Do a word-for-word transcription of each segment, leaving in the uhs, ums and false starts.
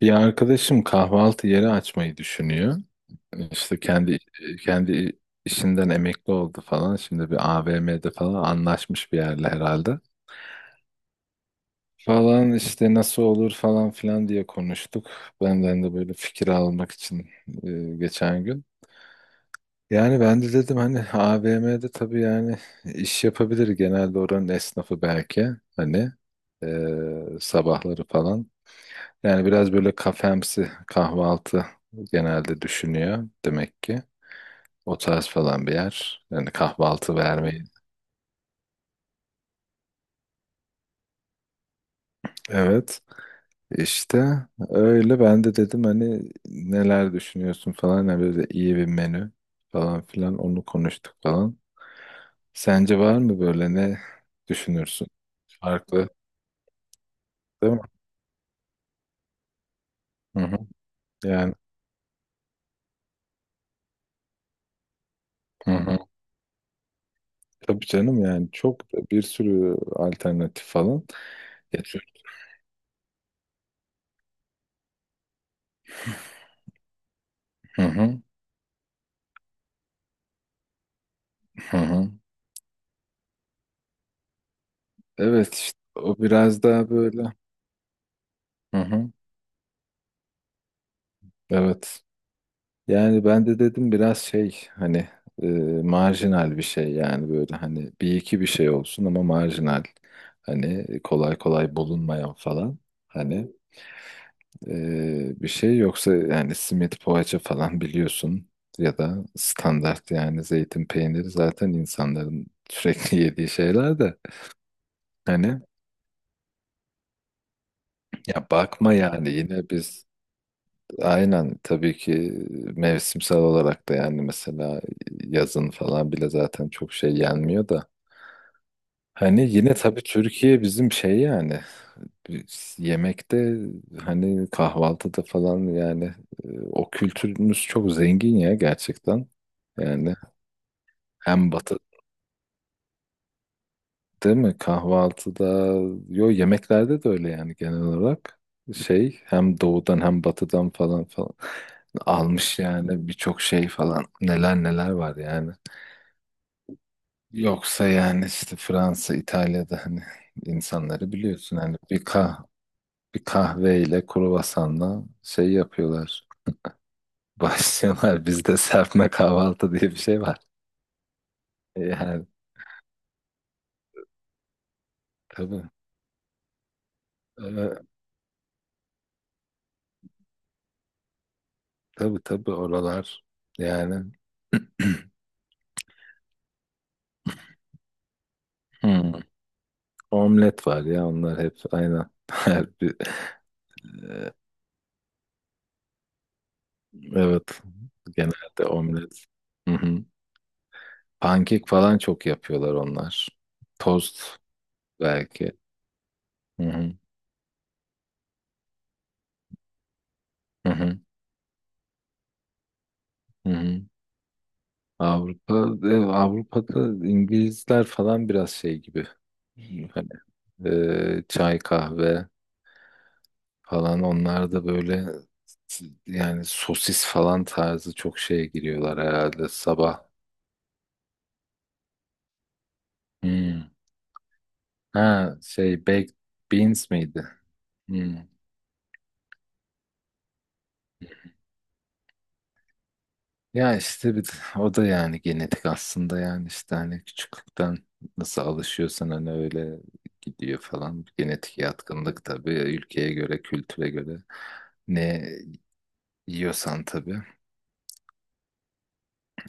Bir arkadaşım kahvaltı yeri açmayı düşünüyor. İşte kendi kendi işinden emekli oldu falan. Şimdi bir A V M'de falan anlaşmış bir yerle herhalde. Falan işte nasıl olur falan filan diye konuştuk. Benden de böyle fikir almak için e, geçen gün. Yani ben de dedim hani A V M'de tabii yani iş yapabilir genelde oranın esnafı belki hani e, sabahları falan. Yani biraz böyle kafemsi kahvaltı genelde düşünüyor demek ki. O tarz falan bir yer. Yani kahvaltı vermeyi. Evet. İşte öyle ben de dedim hani neler düşünüyorsun falan. Yani böyle iyi bir menü falan filan onu konuştuk falan. Sence var mı, böyle ne düşünürsün? Farklı, değil mi? Hı hı. Yani, hı hı. Tabii canım yani çok bir sürü alternatif falan. Ya, Türk- Hı hı. Hı hı. Evet işte o biraz daha böyle. Hı hı. Evet. Yani ben de dedim biraz şey hani e, marjinal bir şey yani böyle hani bir iki bir şey olsun ama marjinal. Hani kolay kolay bulunmayan falan. Hani e, bir şey yoksa yani simit poğaça falan biliyorsun, ya da standart yani zeytin peyniri zaten insanların sürekli yediği şeyler de hani, ya bakma yani yine biz. Aynen tabii ki mevsimsel olarak da yani mesela yazın falan bile zaten çok şey yenmiyor da. Hani yine tabii Türkiye bizim şey yani biz yemekte hani kahvaltıda falan yani e, o kültürümüz çok zengin ya, gerçekten. Yani hem batı. Değil mi? Kahvaltıda, yo, yemeklerde de öyle yani genel olarak. Şey, hem doğudan hem batıdan falan falan almış yani, birçok şey falan, neler neler var yani. Yoksa yani işte Fransa, İtalya'da hani insanları biliyorsun, hani bir kah bir kahveyle kruvasanla şey yapıyorlar. Başlıyorlar, bizde serpme kahvaltı diye bir şey var. E, Yani tabii. Ee, tabii tabii oralar yani. Omlet var ya, onlar hep aynı. Her bir, evet. Genelde omlet. Hı hı. Pankek falan çok yapıyorlar onlar. Tost belki. Hı hı. Hı hı. Hı hı. Avrupa, e, Avrupa'da İngilizler falan biraz şey gibi. Hani e, çay kahve falan, onlar da böyle yani sosis falan tarzı çok şeye giriyorlar herhalde sabah. Hmm. Ha, şey, baked beans miydi? Hmm. Ya işte bir, o da yani genetik aslında yani işte hani küçüklükten nasıl alışıyorsan hani öyle gidiyor falan. Genetik yatkınlık tabii ülkeye göre, kültüre göre ne yiyorsan tabii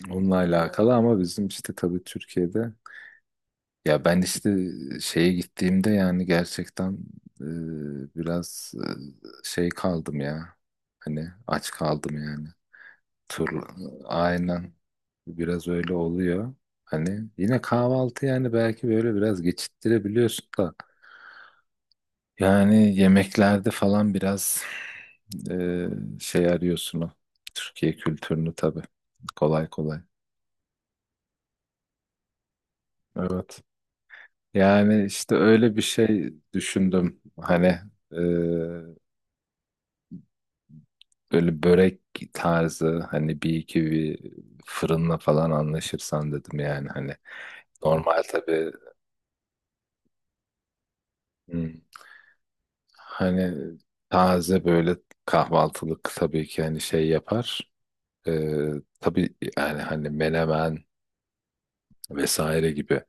onunla alakalı, ama bizim işte tabii Türkiye'de, ya ben işte şeye gittiğimde yani gerçekten e, biraz e, şey kaldım ya, hani aç kaldım yani. Tur, aynen. Biraz öyle oluyor. Hani yine kahvaltı yani belki böyle biraz geçittirebiliyorsun da. Yani yemeklerde falan biraz e, şey arıyorsun o. Türkiye kültürünü tabii. Kolay kolay. Evet. Yani işte öyle bir şey düşündüm. Hani e, böyle börek tarzı hani bir iki bir fırınla falan anlaşırsan dedim yani, hani normal tabii. Hani taze böyle kahvaltılık tabii ki hani şey yapar. Ee, tabii yani hani menemen vesaire gibi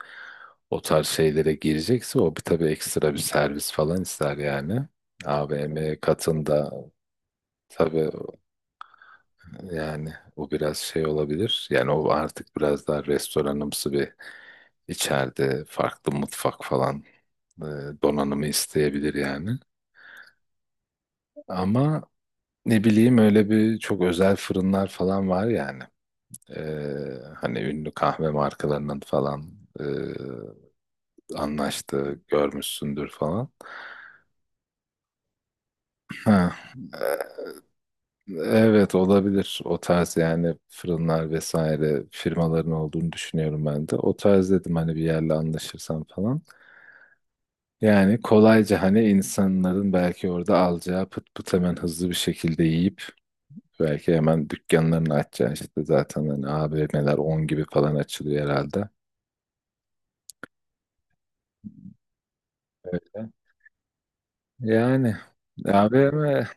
o tarz şeylere girecekse o bir tabii ekstra bir servis falan ister yani. A V M katında tabii yani o biraz şey olabilir. Yani o artık biraz daha restoranımsı bir içeride farklı mutfak falan e, donanımı isteyebilir yani. Ama ne bileyim, öyle bir çok özel fırınlar falan var yani. Ee, hani ünlü kahve markalarının falan e, anlaştığı görmüşsündür falan. Ha, e, evet olabilir. O tarz yani fırınlar vesaire firmaların olduğunu düşünüyorum ben de. O tarz dedim, hani bir yerle anlaşırsam falan. Yani kolayca hani insanların belki orada alacağı pıt pıt hemen hızlı bir şekilde yiyip belki hemen dükkanlarını açacaksın, işte zaten hani A V M'ler on gibi falan açılıyor herhalde. Öyle. Yani A V M.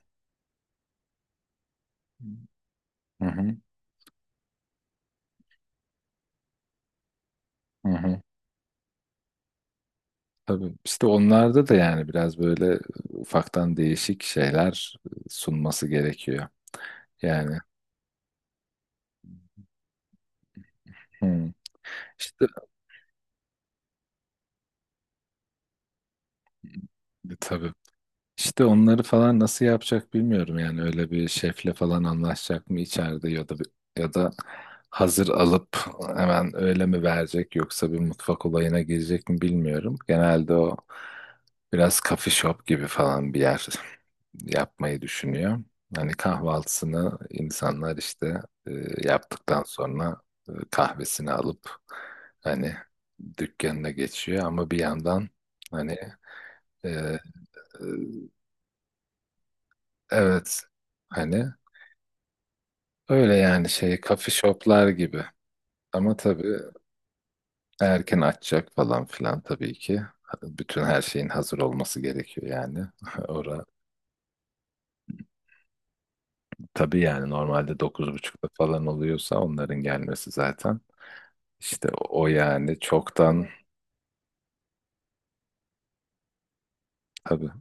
Hı hı, hı hı. Tabii işte onlarda da yani biraz böyle ufaktan değişik şeyler sunması gerekiyor. Yani, hı. İşte e, tabii İşte onları falan nasıl yapacak bilmiyorum yani, öyle bir şefle falan anlaşacak mı içeride, ya da ya da hazır alıp hemen öyle mi verecek, yoksa bir mutfak olayına girecek mi bilmiyorum. Genelde o biraz coffee shop gibi falan bir yer yapmayı düşünüyor. Hani kahvaltısını insanlar işte e, yaptıktan sonra e, kahvesini alıp hani dükkanına geçiyor, ama bir yandan hani e, e, Evet. Hani öyle yani şey coffee shoplar gibi. Ama tabii erken açacak falan filan tabii ki. Bütün her şeyin hazır olması gerekiyor yani. Ora tabii yani normalde dokuz buçukta falan oluyorsa onların gelmesi zaten. İşte o yani çoktan tabii.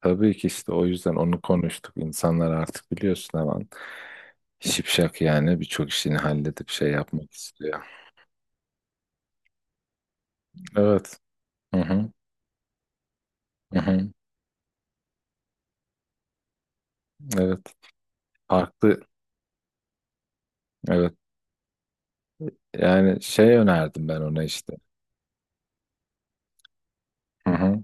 Tabii ki işte, o yüzden onu konuştuk. İnsanlar artık biliyorsun hemen şipşak yani birçok işini halledip şey yapmak istiyor. Evet. Hı hı. Hı hı. Evet. Farklı. Evet. Yani şey önerdim ben ona işte. Hı hı.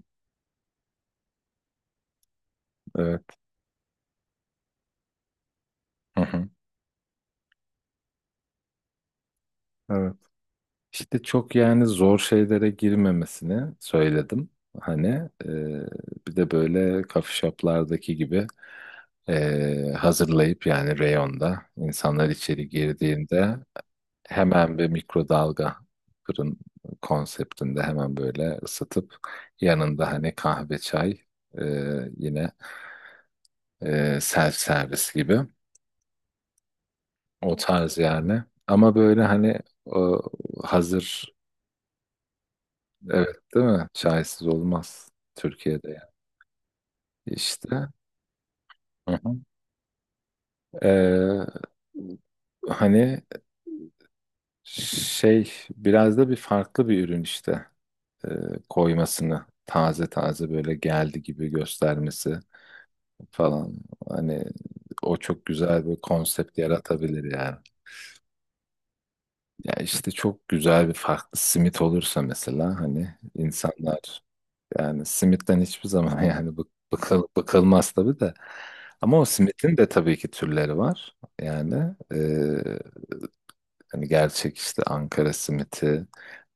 Evet. Hı hı. Evet. İşte çok yani zor şeylere girmemesini söyledim. Hani e, bir de böyle coffee shop'lardaki gibi e, hazırlayıp yani reyonda insanlar içeri girdiğinde hemen bir mikrodalga fırın konseptinde hemen böyle ısıtıp yanında hani kahve çay e, yine e, self servis gibi. O tarz yani. Ama böyle hani o hazır, evet, değil mi? Çaysız olmaz Türkiye'de yani. İşte. Hı hı. Ee, hani şey biraz da bir farklı bir ürün işte. Ee, koymasını, taze taze böyle geldi gibi göstermesi falan. Hani o çok güzel bir konsept yaratabilir yani. Ya işte çok güzel bir farklı simit olursa mesela, hani insanlar. Yani simitten hiçbir zaman yani bık, bıkıl, bıkılmaz tabii de. Ama o simitin de tabii ki türleri var. Yani eee, hani gerçek işte Ankara simiti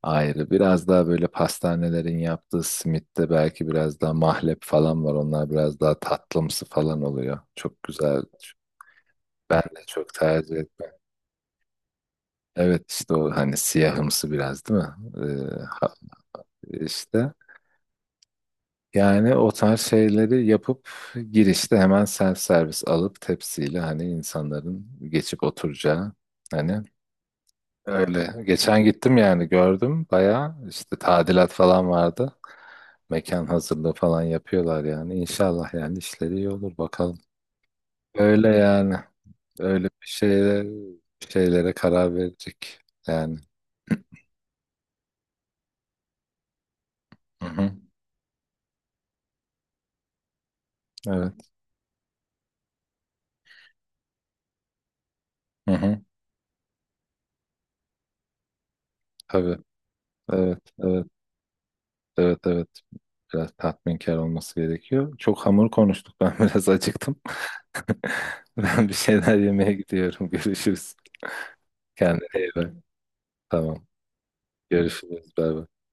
ayrı. Biraz daha böyle pastanelerin yaptığı simitte belki biraz daha mahlep falan var. Onlar biraz daha tatlımsı falan oluyor. Çok güzel. Ben de çok tercih etmem. Evet işte, o hani siyahımsı biraz, değil mi? Eee ha- işte. Yani o tarz şeyleri yapıp girişte hemen self servis alıp tepsiyle hani insanların geçip oturacağı hani. Evet. Öyle. Geçen gittim yani, gördüm bayağı işte tadilat falan vardı. Mekan hazırlığı falan yapıyorlar yani. İnşallah yani işleri iyi olur bakalım. Öyle yani. Öyle bir şeyle bir şeylere karar verecek yani. Hı hı. Evet. Hı hı. Tabii. Evet. Evet. Evet, evet. Biraz tatminkar olması gerekiyor. Çok hamur konuştuk. Ben biraz acıktım. Ben bir şeyler yemeye gidiyorum. Görüşürüz. Kendine iyi bak. Tamam. Görüşürüz. Bay bay.